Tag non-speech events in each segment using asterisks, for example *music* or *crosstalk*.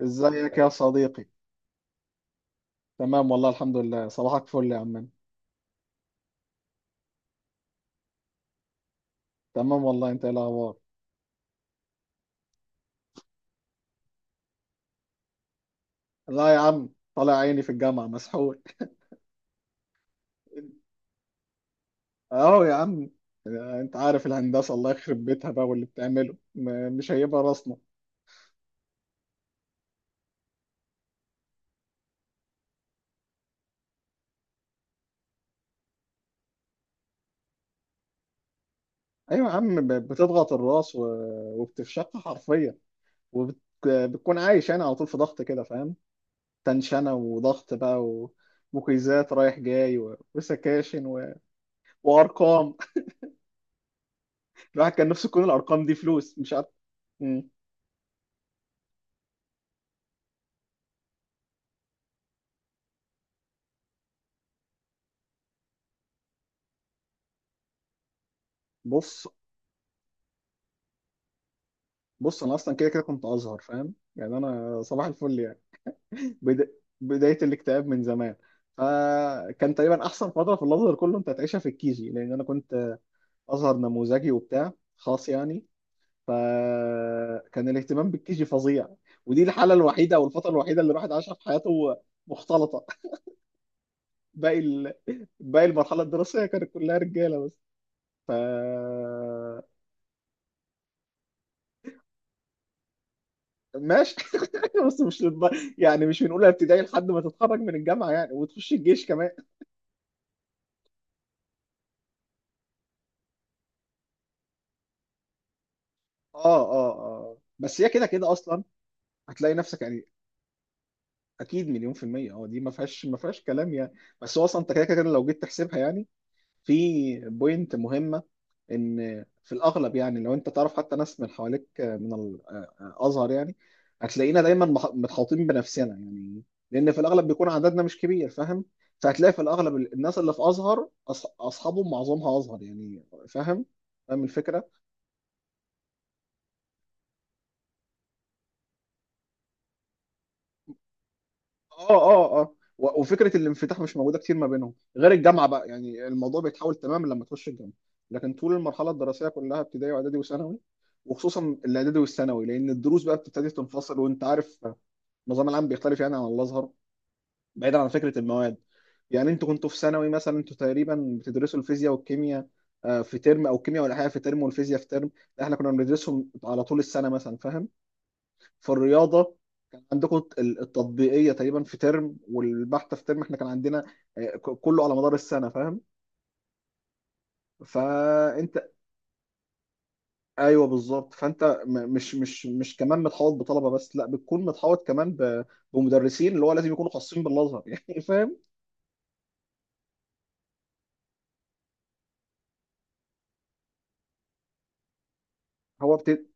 ازيك يا صديقي. تمام والله الحمد لله، صباحك فل يا عم. تمام والله، انت ايه الاخبار؟ لا يا عم، طالع عيني في الجامعه مسحول. اهو يا عم، انت عارف الهندسه، الله يخرب بيتها بقى، واللي بتعمله مش هيبقى راسنا. ايوه يا عم، بتضغط الراس وبتفشخها حرفيا. وبتكون عايش يعني على طول في ضغط كده فاهم. تنشنه وضغط بقى. ومقيسات رايح جاي وسكاشن وارقام. *laughs* الواحد كان نفسه تكون الارقام دي فلوس، مش عارف. مم. بص بص، انا اصلا كده كده كنت ازهر، فاهم يعني، انا صباح الفل يعني. بدا... بدايه الاكتئاب من زمان. فكان تقريبا احسن فتره في الازهر كله انت هتعيشها في الكيجي، لان انا كنت ازهر نموذجي وبتاع خاص يعني. فكان الاهتمام بالكيجي فظيع. ودي الحاله الوحيده او الفتره الوحيده اللي الواحد عاشها في حياته مختلطه. *laughs* باقي ال... باقي المرحله الدراسيه كانت كلها رجاله بس. ف ماشي. *laughs* بس مش للد... يعني مش من اولى ابتدائي لحد ما تتخرج من الجامعه يعني وتخش الجيش كمان. اه اه اه، بس هي كده كده اصلا، هتلاقي نفسك يعني. اكيد مليون في الميه، اه دي ما فيهاش كلام يعني. بس هو اصلا انت كده كده لو جيت تحسبها يعني، في بوينت مهمه، ان في الاغلب يعني لو انت تعرف حتى ناس من حواليك من الازهر يعني، هتلاقينا دايما متحوطين بنفسنا يعني. لان في الاغلب بيكون عددنا مش كبير فاهم. فهتلاقي في الاغلب الناس اللي في ازهر، اصحابهم معظمها ازهر يعني فاهم. فاهم الفكره. اه اه اه، وفكره الانفتاح مش موجوده كتير ما بينهم غير الجامعه بقى. يعني الموضوع بيتحول تماما لما تخش الجامعه. لكن طول المرحله الدراسيه كلها، ابتدائي واعدادي وثانوي، وخصوصا الاعدادي والثانوي، لان الدروس بقى بتبتدي تنفصل، وانت عارف النظام العام بيختلف يعني عن الازهر. بعيدا عن فكره المواد، يعني انتوا كنتوا في ثانوي مثلا، انتوا تقريبا بتدرسوا الفيزياء والكيمياء في ترم، او الكيمياء والاحياء في ترم والفيزياء في ترم. لا، احنا كنا بندرسهم على طول السنه مثلا فاهم. فالرياضه عندكم التطبيقيه تقريبا في ترم والبحث في ترم، احنا كان عندنا كله على مدار السنه فاهم. فانت، ايوه بالظبط، فانت مش كمان متحوط بطلبه بس، لا، بتكون متحوط كمان بمدرسين اللي هو لازم يكونوا خاصين بالازهر *laughs* يعني فاهم. هو بت-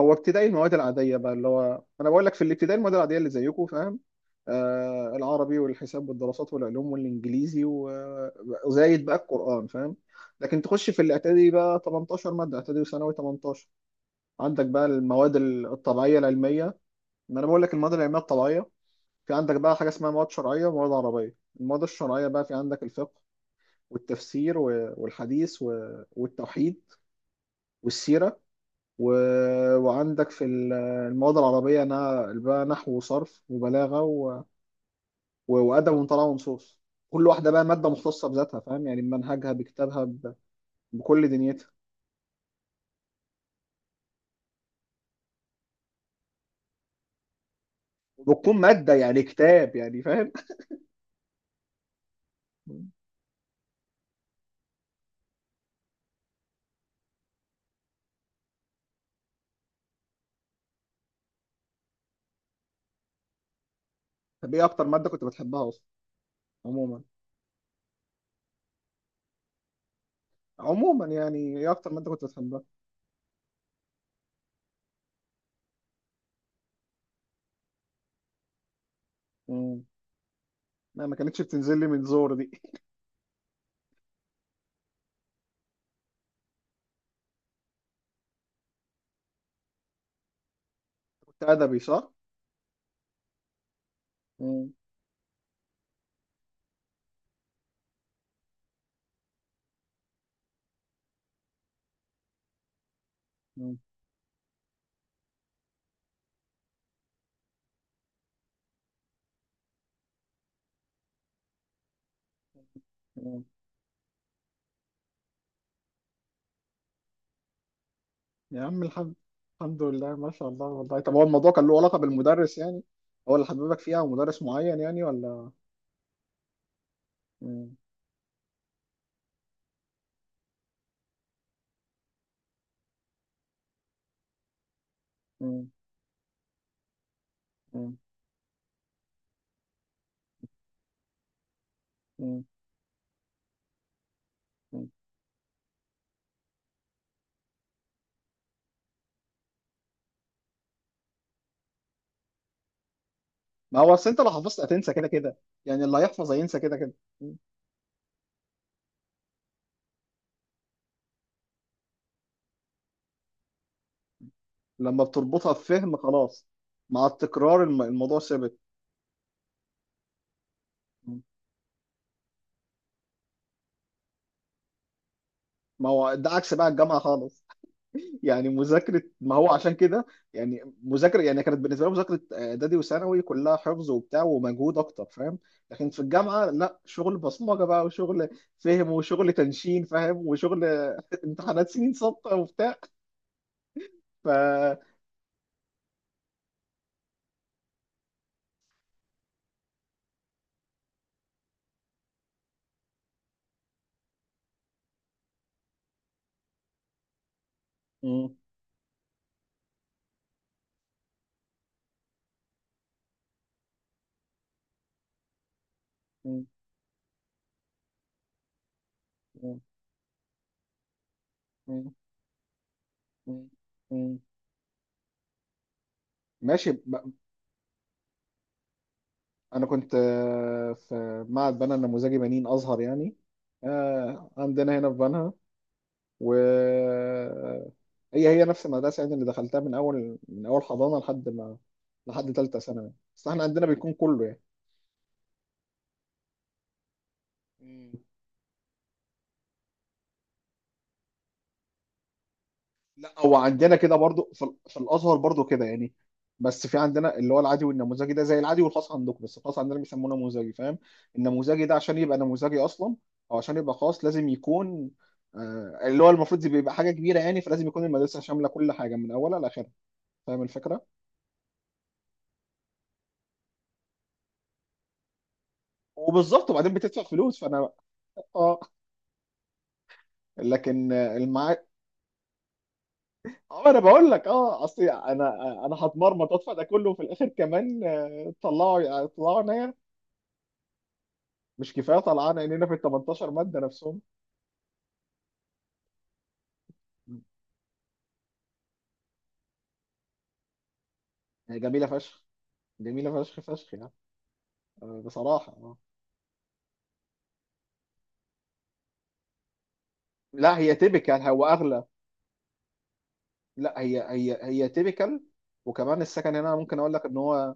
هو ابتدائي المواد العادية بقى، اللي هو أنا بقول لك، في الابتدائي المواد العادية اللي زيكم فاهم. العربي والحساب والدراسات والعلوم والإنجليزي وزايد بقى القرآن فاهم. لكن تخش في الإعدادي بقى 18 مادة، إعدادي وثانوي 18. عندك بقى المواد الطبيعية العلمية، ما أنا بقول لك المواد العلمية الطبيعية. في عندك بقى حاجة اسمها مواد شرعية ومواد عربية. المواد الشرعية بقى، في عندك الفقه والتفسير والحديث والتوحيد والسيرة و... وعندك في المواد العربية أنا بقى، نحو وصرف وبلاغة وأدب وطلع ونصوص. كل واحدة بقى مادة مختصة بذاتها فاهم يعني، بمنهجها بكتابها بكل دنيتها، وتكون مادة يعني كتاب يعني فاهم. *laughs* طب إيه أكتر مادة كنت بتحبها أصلا، عموما؟ عموما يعني، إيه أكتر مادة كنت بتحبها؟ مم. لا، ما كانتش بتنزل لي من زور دي. *laughs* كنت أدبي صح؟ مم. مم. يا عم الحمد، الحمد لله، ما شاء الله والله. طب هو الموضوع كان له علاقة بالمدرس يعني، هو اللي حببك فيها ومدرس معين يعني، ولا؟ مم. مم. مم. مم. مم. ما هو اصل انت لو حفظت هتنسى كده كده، يعني اللي هيحفظ هينسى كده كده. مم. لما بتربطها بفهم خلاص، مع التكرار الموضوع ثابت. مم. ما هو ده عكس بقى الجامعة خالص. يعني مذاكره، ما هو عشان كده يعني مذاكره، يعني كانت بالنسبه لي مذاكره اعدادي وثانوي كلها حفظ وبتاع ومجهود اكتر فاهم. لكن في الجامعه لا، شغل بصمجه بقى، وشغل فهم، وشغل تنشين فاهم، وشغل *laughs* امتحانات سنين سابقه وبتاع. ف م- م- م- م- م- م. ماشي. انا كنت في معهد بنها النموذجي، بنين ازهر يعني، عندنا هنا في بنها. و هي هي نفس المدرسة يعني، اللي دخلتها من أول من أول حضانة لحد ما، لحد تالتة ثانوي، بس احنا عندنا بيكون كله يعني. مم. لا، هو عندنا كده برضو، في الأزهر برضو كده يعني. بس في عندنا اللي هو العادي والنموذجي، ده زي العادي والخاص عندكم، بس الخاص عندنا بيسموه نموذجي فاهم. النموذجي ده عشان يبقى نموذجي أصلا، أو عشان يبقى خاص، لازم يكون اللي هو المفروض بيبقى حاجة كبيرة يعني، فلازم يكون المدرسة شاملة كل حاجة من أولها لآخرها، فاهم الفكرة. وبالظبط، وبعدين بتدفع فلوس، فأنا. اه. لكن المع. اه، انا بقول لك، اه اصل انا، انا هتمرمط ادفع ده كله، وفي الاخر كمان طلعوا يعني طلعوا عينيا. مش كفايه طلعنا عينينا في ال 18 ماده نفسهم. هي جميله فشخ، جميله فشخ فشخ يعني، بصراحه آه. لا هي تيبيكال، هو اغلى. لا هي هي تيبيكال. وكمان السكن هنا، ممكن اقول لك ان هو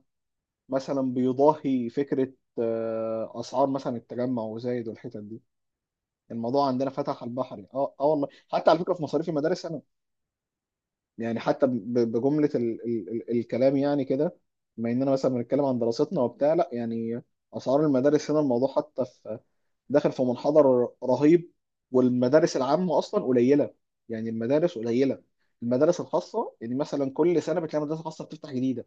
مثلا بيضاهي فكره اسعار مثلا التجمع وزايد والحتت دي. الموضوع عندنا فتح على البحر يعني. اه اه، والله حتى على فكره في مصاريف المدارس انا، يعني حتى بجملة ال الكلام يعني كده، بما اننا مثلا بنتكلم عن دراستنا وبتاع، لا يعني اسعار المدارس هنا، الموضوع حتى في داخل في منحدر رهيب. والمدارس العامة اصلا قليلة، يعني المدارس قليلة. المدارس الخاصة يعني مثلا، كل سنة بتلاقي مدرسة خاصة بتفتح جديدة،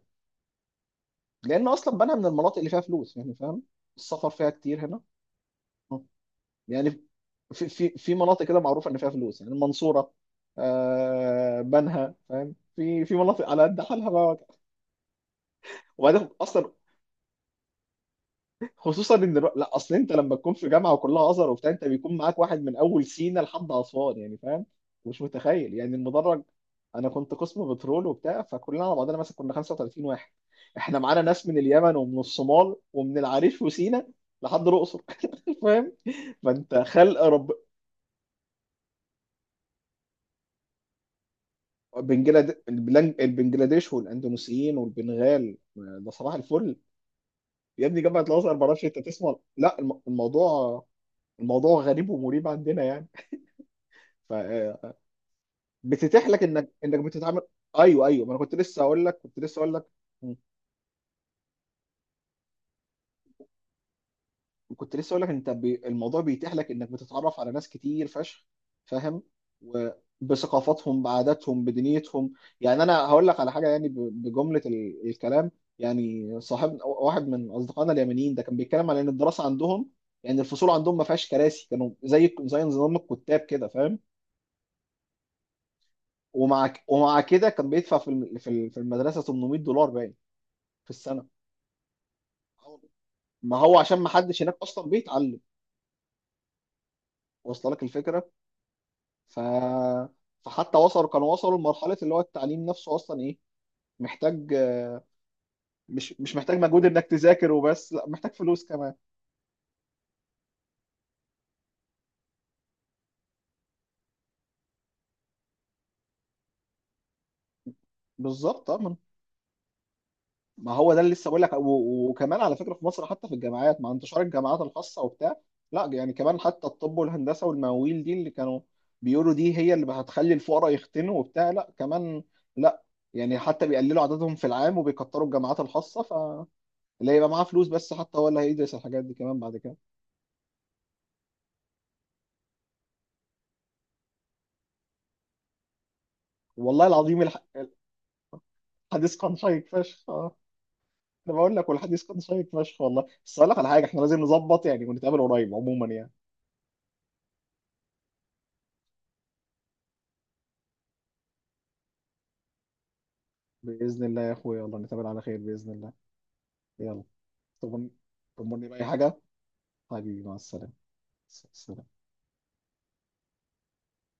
لان اصلا بنها من المناطق اللي فيها فلوس يعني فاهم. السفر فيها كتير هنا آه. يعني في مناطق كده معروفة ان فيها فلوس، يعني المنصورة، آه بنها فاهم. في مناطق على قد حالها بقى، وبعدين اصلا، خصوصا ان لا اصل انت لما تكون في جامعه وكلها ازهر وبتاع، انت بيكون معاك واحد من اول سينا لحد اسوان يعني فاهم. مش متخيل يعني المدرج. انا كنت قسم بترول وبتاع، فكلنا على بعضنا مثلا كنا 35 واحد. احنا معانا ناس من اليمن، ومن الصومال، ومن العريش وسينا، لحد الاقصر *laughs* فاهم. فانت خلق رب. البنجلاديش والاندونيسيين والبنغال، ده صباح الفل. يا ابني جامعه الازهر معرفش انت تسمع، لا، الموضوع، الموضوع غريب ومريب عندنا يعني. ف آه، بتتيح لك انك بتتعامل. ايوه ايوه، ما انا كنت لسه اقول لك، كنت لسه اقول لك. مم. كنت لسه اقول لك، انت الموضوع بيتيح لك انك بتتعرف على ناس كتير فشخ فاهم. وبثقافاتهم، بعاداتهم، بدنيتهم. يعني انا هقول لك على حاجه يعني، بجمله الكلام يعني. صاحب واحد من اصدقائنا اليمنيين ده، كان بيتكلم على ان الدراسه عندهم، يعني الفصول عندهم ما فيهاش كراسي، كانوا زي نظام الكتاب كده فاهم. ومع كده كان بيدفع في في المدرسه 800 دولار باين في السنه. ما هو عشان ما حدش هناك اصلا بيتعلم، واصله لك الفكره. ف فحتى وصلوا، كانوا وصلوا لمرحله اللي هو التعليم نفسه اصلا ايه، محتاج، مش محتاج مجهود انك تذاكر وبس، لا، محتاج فلوس كمان. بالظبط اه. ما هو ده اللي لسه بقول لك، وكمان على فكره في مصر، حتى في الجامعات مع انتشار الجامعات الخاصه وبتاع، لا يعني، كمان حتى الطب والهندسه والمواويل دي اللي كانوا بيقولوا دي هي اللي هتخلي الفقراء يختنوا وبتاع، لا كمان، لا، يعني حتى بيقللوا عددهم في العام وبيكتروا الجامعات الخاصه، فاللي هيبقى معاه فلوس بس حتى هو اللي هيدرس الحاجات دي كمان بعد كده. والله العظيم الحديث كان شيق فشخ آه. انا بقول لك، والحديث كان شيق فشخ والله، بس اقول لك على حاجه، احنا لازم نظبط يعني ونتقابل قريب عموما يعني. باذن الله يا اخويا، والله نتقابل على خير باذن الله. يلا، طمن، طمني بأي حاجة حبيبي، مع السلامة. سلام.